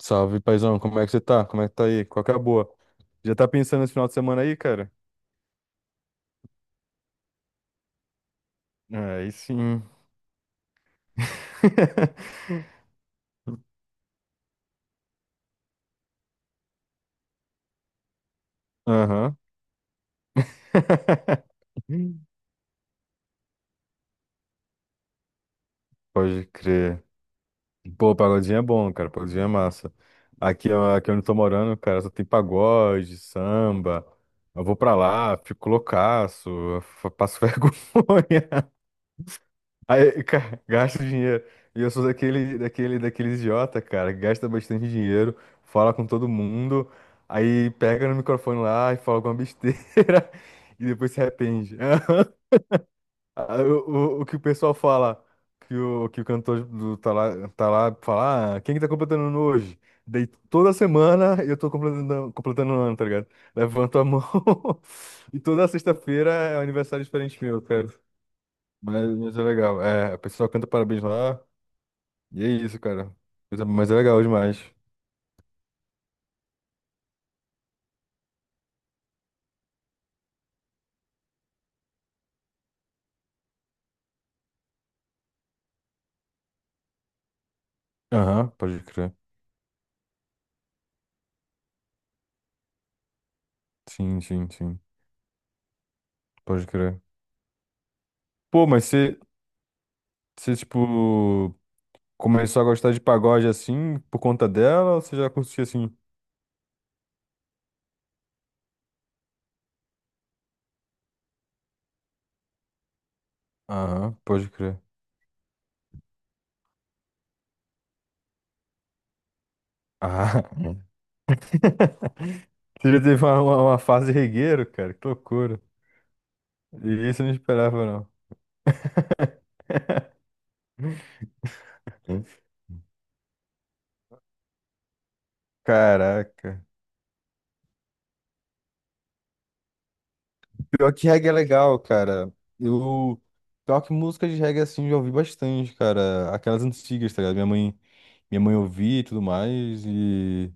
Salve, paizão, como é que você tá? Como é que tá aí? Qual que é a boa? Já tá pensando nesse final de semana aí, cara? Ah, aí sim. Aham. Pode crer. Pô, pagodinho é bom, cara. Pagodinho é massa. Aqui, ó, aqui onde eu tô morando, cara, só tem pagode, samba. Eu vou pra lá, fico loucaço, passo vergonha. Aí, cara, gasta dinheiro. E eu sou daquele idiota, cara, que gasta bastante dinheiro, fala com todo mundo, aí pega no microfone lá e fala alguma besteira e depois se arrepende. Ah. O que o pessoal fala, que o cantor do, tá lá, fala: ah, quem que tá completando ano hoje? Daí toda semana eu tô completando ano, tá ligado? Levanto a mão e toda sexta-feira é um aniversário diferente meu, cara. Mas é legal. É, a pessoa canta parabéns lá. E é isso, cara. Mas é legal demais. Aham, pode crer. Sim, sim, sim. Pode crer. Pô, mas você, tipo, começou a gostar de pagode assim por conta dela ou você já curtia assim? Aham, pode crer. Ah, você já teve uma fase regueiro, cara? Que loucura. E isso eu não esperava, não. Hum. Caraca. Pior que reggae é legal, cara. Eu. Pior que música de reggae, assim, eu já ouvi bastante, cara. Aquelas antigas, tá ligado? Minha mãe ouvia e tudo mais. E.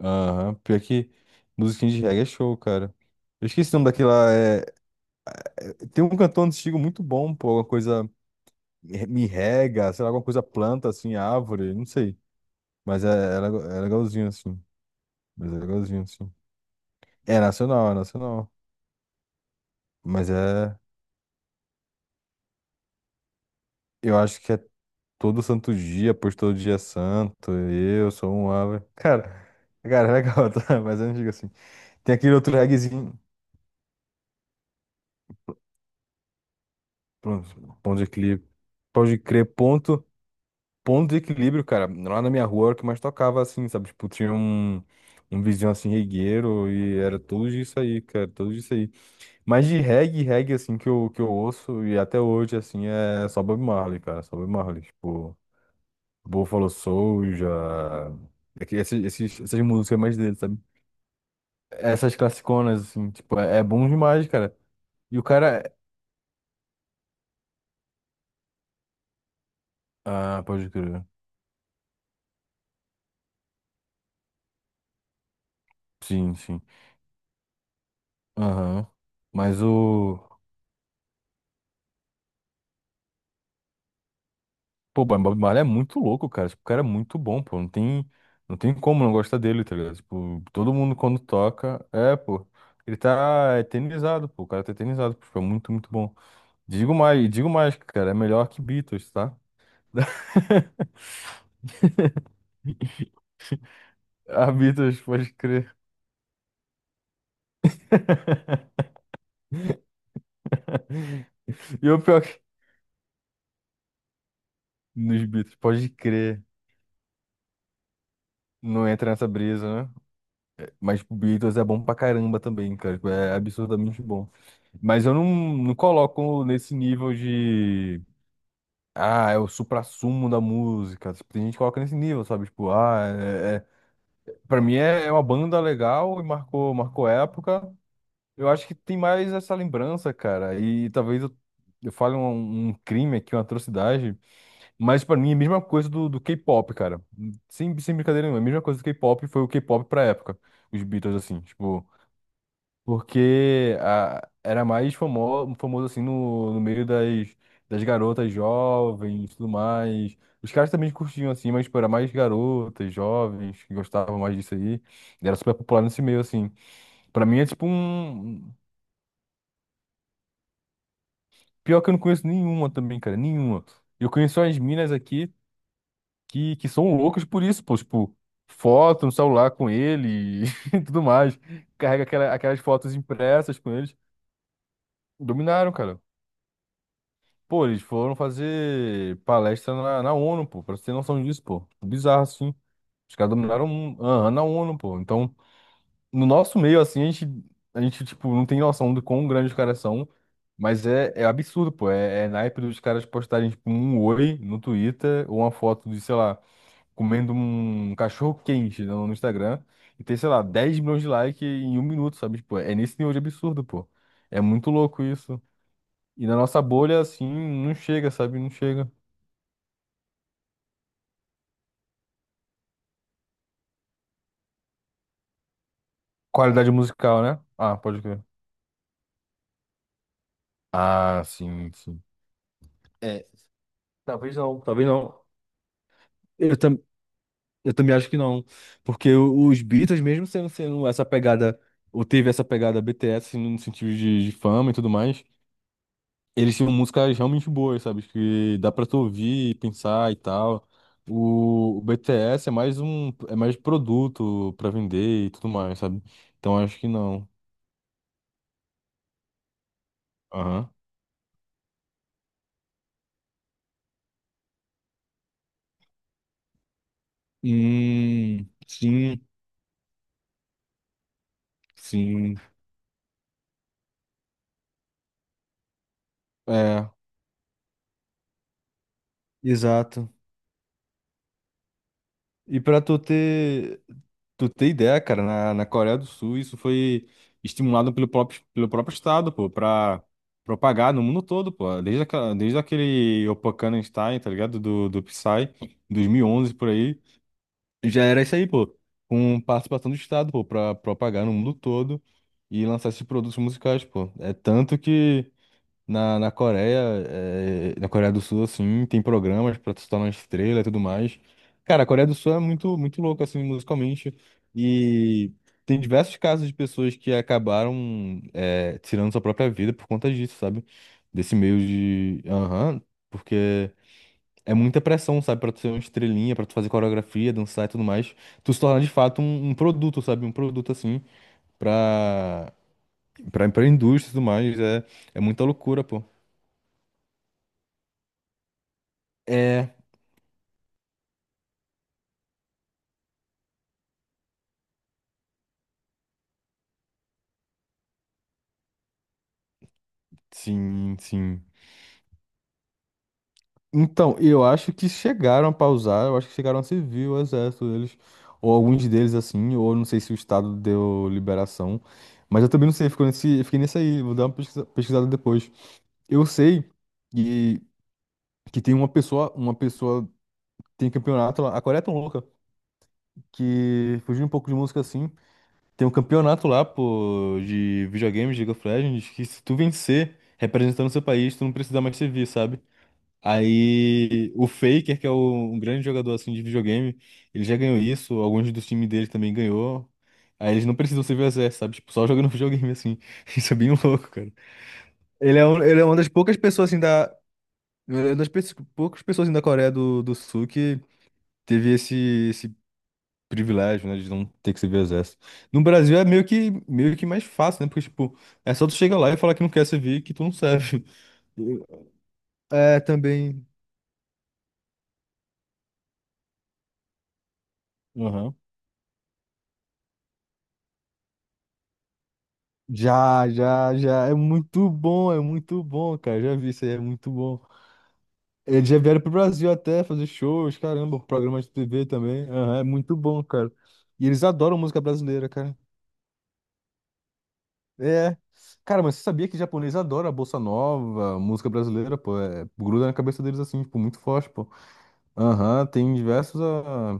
Aham. Pior que musiquinha de reggae é show, cara. Eu esqueci o nome daquela. É... Tem um cantor antigo muito bom, pô. Alguma coisa. Me rega, sei lá, alguma coisa planta, assim, árvore, não sei. Mas é legalzinho, assim. Mas é legalzinho, assim. É nacional, é nacional. Mas é. Eu acho que é. Todo santo dia, por todo dia santo, eu sou um ave. Cara, é legal, tá? Mas eu não digo assim. Tem aquele outro reggaezinho. Pronto, ponto de equilíbrio. Pode crer, ponto de equilíbrio, cara. Lá na minha rua era o que mais tocava, assim, sabe? Tipo, tinha um vizinho assim, regueiro, e era tudo isso aí, cara, tudo isso aí. Mas de reggae, reggae, assim, que eu ouço, e até hoje, assim, é só Bob Marley, cara, só Bob Marley. Tipo, Buffalo Soldier, é que essas músicas mais dele, sabe? Essas classiconas, assim, tipo, é bom demais, cara. E o cara é. Ah, pode crer. Sim, sim. Aham. Mas o. Pô, o Bob Marley é muito louco, cara. Tipo, o cara é muito bom, pô. Não tem como não gostar dele, tá ligado? Tipo, todo mundo quando toca. É, pô. Ele tá eternizado, pô. O cara tá eternizado, pô. Tipo, é muito, muito bom. Digo mais, cara. É melhor que Beatles, tá? Ah, Beatles, pode crer. E o pior que. Nos Beatles, pode crer. Não entra nessa brisa, né? Mas tipo, Beatles é bom pra caramba também, cara. Tipo, é absurdamente bom. Mas eu não coloco nesse nível de. Ah, é o suprassumo da música. Tipo, tem gente que coloca nesse nível, sabe? Tipo, ah, é... Pra mim é uma banda legal e marcou época. Eu acho que tem mais essa lembrança, cara. E talvez eu fale um crime aqui, uma atrocidade. Mas pra mim é a mesma coisa do K-pop, cara. Sem brincadeira nenhuma, é a mesma coisa do K-pop, foi o K-pop pra época. Os Beatles, assim, tipo. Porque era mais famoso, famoso assim, no meio das garotas jovens e tudo mais. Os caras também curtiam, assim, mas, tipo, era mais garotas, jovens, que gostavam mais disso aí. E era super popular nesse meio, assim. Pra mim é, tipo, um... Pior que eu não conheço nenhuma também, cara, nenhuma. Eu conheço as minas aqui que são loucas por isso, pô, tipo, foto no celular com ele e tudo mais. Carrega aquelas fotos impressas com eles. Dominaram, cara. Pô, eles foram fazer palestra na ONU, pô, pra você ter noção disso, pô. Bizarro, assim. Os caras dominaram o mundo. Aham, na ONU, pô. Então, no nosso meio, assim, a gente, tipo, não tem noção do quão grandes os caras são. Mas é absurdo, pô. É naipe dos caras postarem, tipo, um oi no Twitter ou uma foto de, sei lá, comendo um cachorro quente no Instagram e ter, sei lá, 10 milhões de likes em um minuto, sabe? Tipo, é nesse nível de absurdo, pô. É muito louco isso. E na nossa bolha, assim, não chega, sabe? Não chega. Qualidade musical, né? Ah, pode crer. Ah, sim, sim. É, talvez não, talvez não. Eu, tam, eu também acho que não. Porque os Beatles, mesmo sendo essa pegada, ou teve essa pegada BTS assim, no sentido de fama e tudo mais. Eles tinham músicas realmente boas, sabe? Que dá pra tu ouvir, e pensar e tal. O BTS é mais um, é mais produto pra vender e tudo mais, sabe? Então acho que não. Aham. Sim, sim. É, exato. E pra tu ter. Tu tem ideia, cara, na Coreia do Sul isso foi estimulado pelo próprio Estado, pô, pra propagar no mundo todo, pô. Desde aquele Oppanheimerstein, tá ligado? Do Psy, em 2011 por aí. Já era isso aí, pô. Com participação do Estado, pô, pra propagar no mundo todo e lançar esses produtos musicais, pô. É tanto que na Coreia, na Coreia do Sul, assim, tem programas pra se tornar uma estrela e tudo mais. Cara, a Coreia do Sul é muito, muito louca, assim, musicalmente. E tem diversos casos de pessoas que acabaram, tirando sua própria vida por conta disso, sabe? Desse meio de. Aham, porque é muita pressão, sabe? Pra tu ser uma estrelinha, pra tu fazer coreografia, dançar e tudo mais. Tu se tornar de fato um produto, sabe? Um produto, assim, pra, pra indústria e tudo mais. É muita loucura, pô. É. Sim, sim. Então, eu acho que chegaram a pausar, eu acho que chegaram a servir o exército deles, ou alguns deles assim, ou não sei se o Estado deu liberação, mas eu também não sei, fiquei nesse aí, vou dar uma pesquisada depois. Eu sei que, que tem uma pessoa tem campeonato lá, a Coreia é tão louca, que fugiu um pouco de música assim, tem um campeonato lá, pô, de videogames, de League of Legends, que se tu vencer representando o seu país, tu não precisa mais servir, sabe? Aí o Faker, que é um grande jogador assim de videogame, ele já ganhou isso, alguns dos times dele também ganhou. Aí eles não precisam ser VSS, sabe? Tipo, só jogando videogame assim. Isso é bem louco, cara. Ele é uma das poucas pessoas assim da é uma das pe- poucas pessoas assim, da Coreia do Sul que teve esse privilégio, né, de não ter que ser VSS. No Brasil é meio que mais fácil, né? Porque tipo, é só tu chegar lá e falar que não quer servir, que tu não serve. É, também. Já, já, já. É muito bom, cara. Já vi isso aí, é muito bom. Eles já vieram pro Brasil até fazer shows, caramba, programas de TV também. Aham, é muito bom, cara. E eles adoram música brasileira, cara. É. Cara, mas você sabia que japonês adora a bossa nova, música brasileira, pô? É, gruda na cabeça deles assim, tipo, muito forte, pô. Aham, tem diversos.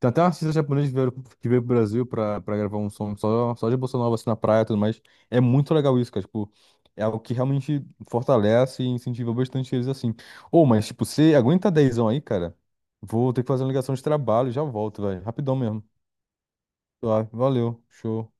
Tem até um artista japonês que veio pro Brasil pra gravar um som só de bossa nova, assim, na praia e tudo mais. É muito legal isso, cara. Tipo, é algo que realmente fortalece e incentiva bastante eles, assim. Ô, mas, tipo, você aguenta dezão aí, cara? Vou ter que fazer uma ligação de trabalho, já volto, velho. Rapidão mesmo. Tá, valeu, show.